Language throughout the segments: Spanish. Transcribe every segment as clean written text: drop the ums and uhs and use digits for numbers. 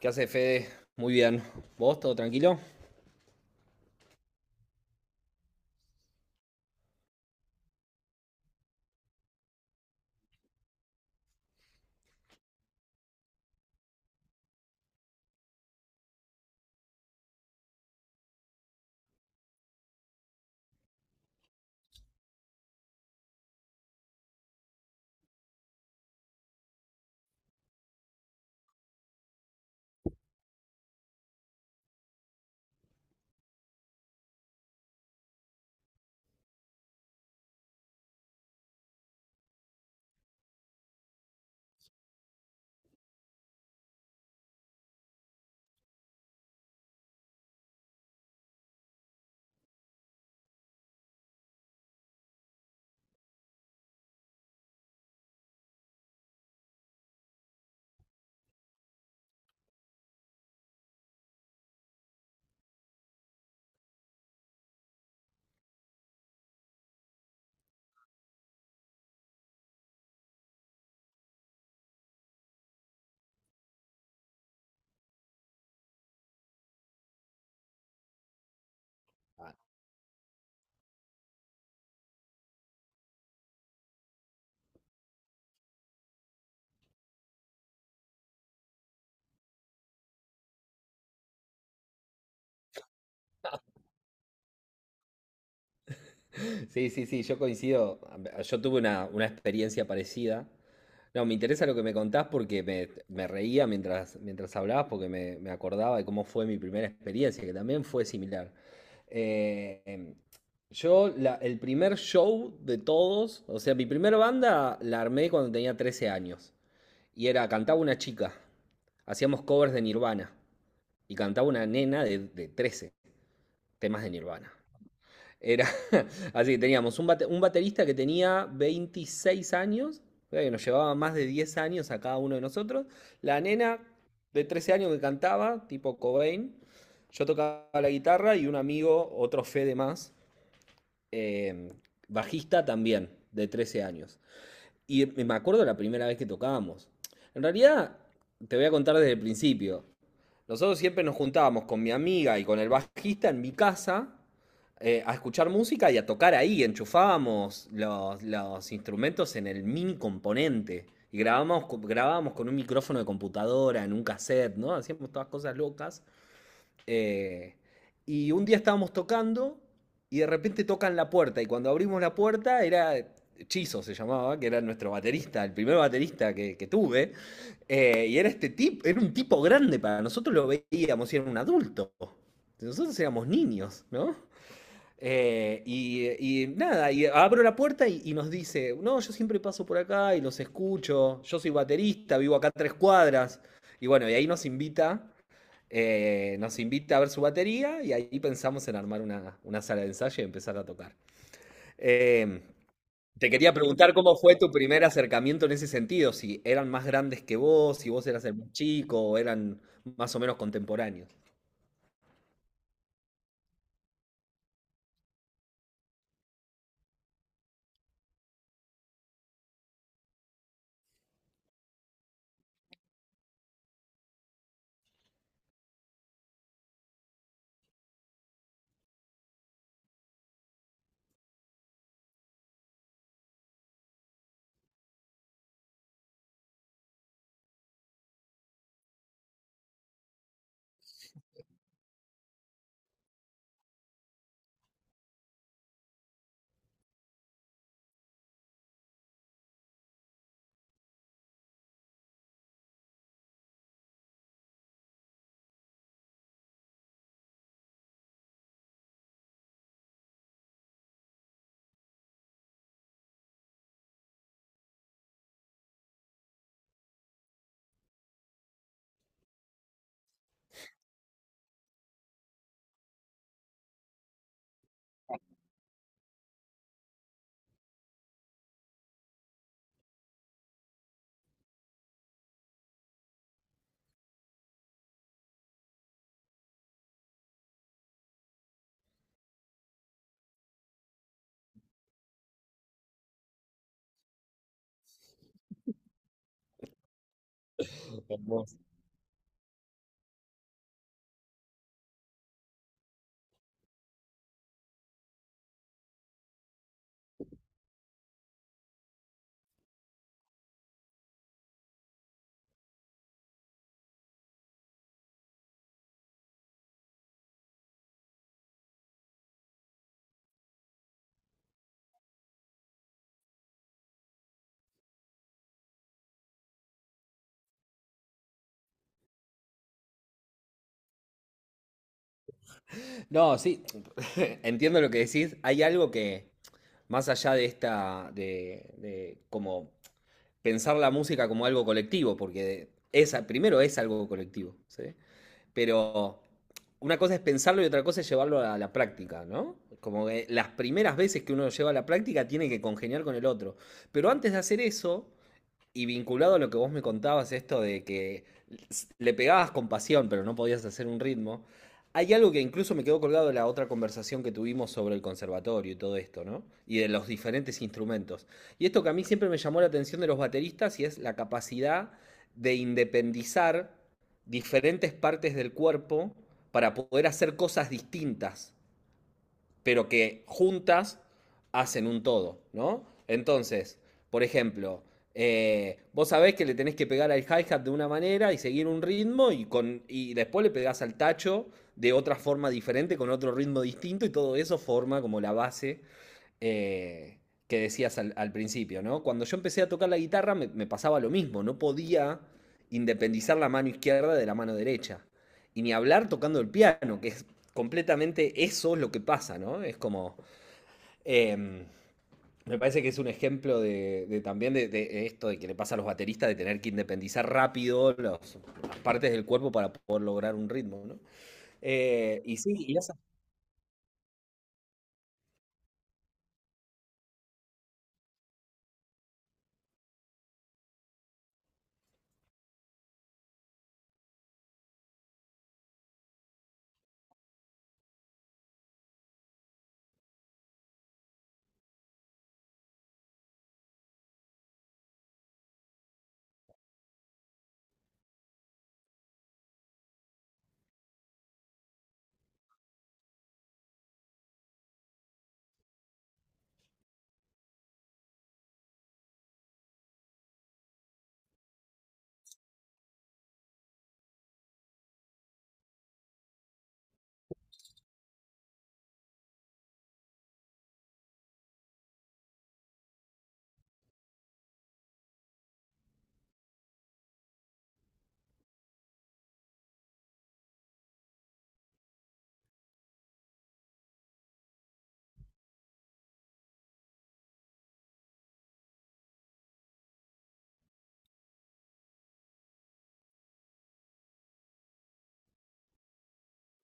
¿Qué hace Fede? Muy bien. ¿Vos todo tranquilo? Sí, sí, sí, yo coincido. Yo tuve una experiencia parecida. No, me interesa lo que me contás porque me reía mientras hablabas, porque me acordaba de cómo fue mi primera experiencia, que también fue similar. Eh, em, yo, el primer show de todos, o sea, mi primera banda la armé cuando tenía 13 años. Y era, cantaba una chica. Hacíamos covers de Nirvana. Y cantaba una nena de 13 temas de Nirvana. Era así, teníamos un baterista que tenía 26 años, o sea, que nos llevaba más de 10 años a cada uno de nosotros, la nena de 13 años que cantaba, tipo Cobain, yo tocaba la guitarra y un amigo, otro Fede más, eh, bajista también, de 13 años. Y me acuerdo la primera vez que tocábamos. En realidad, te voy a contar desde el principio. Nosotros siempre nos juntábamos con mi amiga y con el bajista en mi casa a escuchar música y a tocar ahí. Enchufábamos los instrumentos en el mini componente y grabábamos, grabábamos con un micrófono de computadora, en un cassette, ¿no? Hacíamos todas cosas locas eh, y un día estábamos tocando y de repente tocan la puerta. Y cuando abrimos la puerta era Chizo, se llamaba, que era nuestro baterista, el primer baterista que tuve. Y era este tipo, era un tipo grande para nosotros, lo veíamos y era un adulto. Nosotros éramos niños, ¿no? Y nada, y abro la puerta y nos dice, no, yo siempre paso por acá y los escucho, yo soy baterista, vivo acá a tres cuadras. Y bueno, y ahí nos invita, nos invita a ver su batería y ahí pensamos en armar una sala de ensayo y empezar a tocar. Eh, Te quería preguntar cómo fue tu primer acercamiento en ese sentido, si eran más grandes que vos, si vos eras el más chico o eran más o menos contemporáneos. Con vos. No, sí, entiendo lo que decís. Hay algo que, más allá de esta, de como pensar la música como algo colectivo, porque es, primero es algo colectivo, ¿sí? Pero una cosa es pensarlo y otra cosa es llevarlo a la práctica, ¿no? Como que las primeras veces que uno lo lleva a la práctica tiene que congeniar con el otro. Pero antes de hacer eso, y vinculado a lo que vos me contabas, esto de que le pegabas con pasión, pero no podías hacer un ritmo, hay algo que incluso me quedó colgado de la otra conversación que tuvimos sobre el conservatorio y todo esto, ¿no? Y de los diferentes instrumentos. Y esto que a mí siempre me llamó la atención de los bateristas y es la capacidad de independizar diferentes partes del cuerpo para poder hacer cosas distintas pero que juntas hacen un todo, ¿no? Entonces, por ejemplo, vos sabés que le tenés que pegar al hi-hat de una manera y seguir un ritmo y, y después le pegás al tacho de otra forma diferente, con otro ritmo distinto y todo eso forma como la base, eh, que decías al principio, ¿no? Cuando yo empecé a tocar la guitarra me pasaba lo mismo, no podía independizar la mano izquierda de la mano derecha. Y ni hablar tocando el piano, que es completamente eso es lo que pasa, ¿no? Es como... em, me parece que es un ejemplo de esto de que le pasa a los bateristas de tener que independizar rápido las partes del cuerpo para poder lograr un ritmo, ¿no? Eh, y sí, y esa-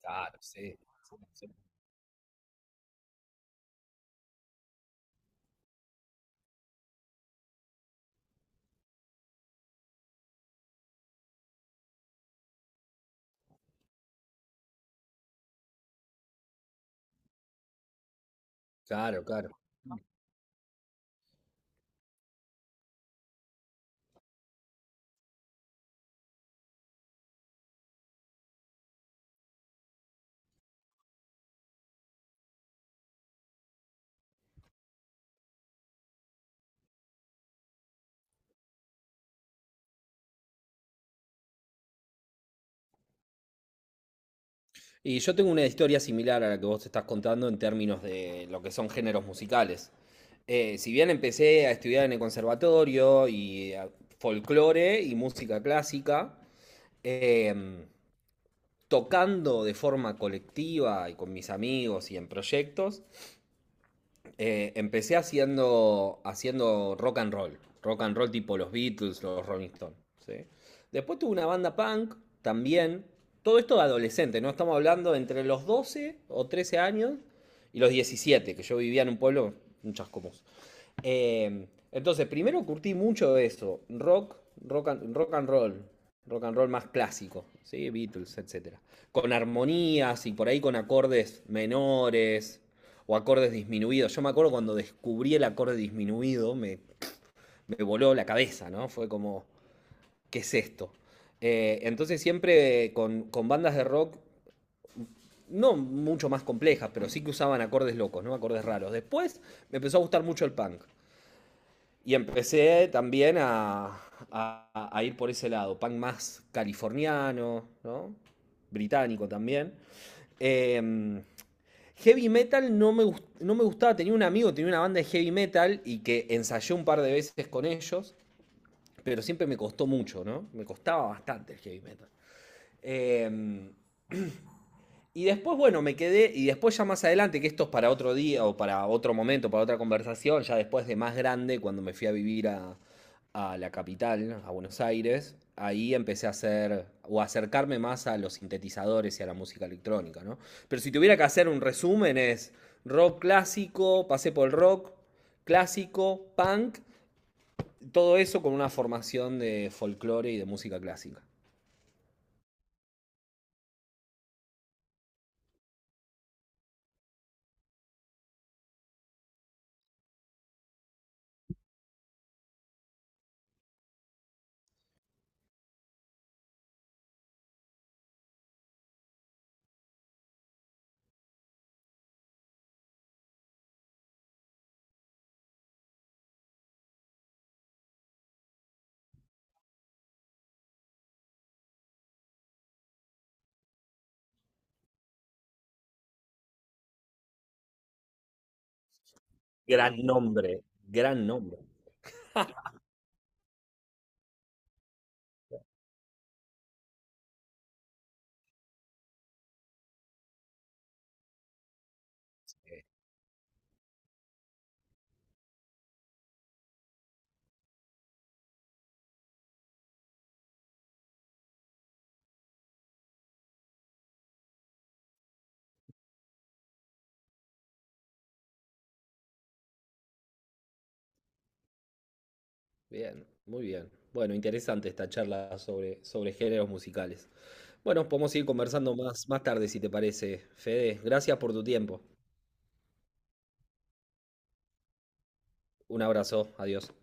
Claro, sí. Sí, sí. Claro, claro. Y yo tengo una historia similar a la que vos estás contando en términos de lo que son géneros musicales. Si bien empecé a estudiar en el conservatorio folclore y música clásica, em, tocando de forma colectiva y con mis amigos y en proyectos, empecé haciendo rock and roll. Rock and roll tipo los Beatles, los Rolling Stones. ¿Sí? Después tuve una banda punk también. Todo esto de adolescente, ¿no? Estamos hablando de entre los 12 o 13 años y los 17 que yo vivía en un pueblo, un chascomús. Entonces, primero curtí mucho de eso. Rock and roll. Rock and roll más clásico, ¿sí? Beatles, etcétera. Con armonías y por ahí con acordes menores, o acordes disminuidos. Yo me acuerdo cuando descubrí el acorde disminuido, me voló la cabeza, ¿no? Fue como, ¿qué es esto? Entonces siempre con bandas de rock, no mucho más complejas, pero sí que usaban acordes locos, ¿no? Acordes raros. Después me empezó a gustar mucho el punk. Y empecé también a ir por ese lado, punk más californiano, ¿no? Británico también. Eh, Heavy metal no me gustaba. Tenía un amigo, tenía una banda de heavy metal y que ensayé un par de veces con ellos, pero siempre me costó mucho, ¿no? Me costaba bastante el heavy metal. Em, y después, bueno, me quedé, y después ya más adelante, que esto es para otro día o para otro momento, para otra conversación, ya después de más grande, cuando me fui a vivir a la capital, a Buenos Aires, ahí empecé a hacer o a acercarme más a los sintetizadores y a la música electrónica, ¿no? Pero si tuviera que hacer un resumen es rock clásico, pasé por el rock clásico, punk, todo eso con una formación de folclore y de música clásica. Gran nombre, gran nombre. Bien, muy bien. Bueno, interesante esta charla sobre, sobre géneros musicales. Bueno, podemos seguir conversando más tarde si te parece. Fede, gracias por tu tiempo. Un abrazo, adiós.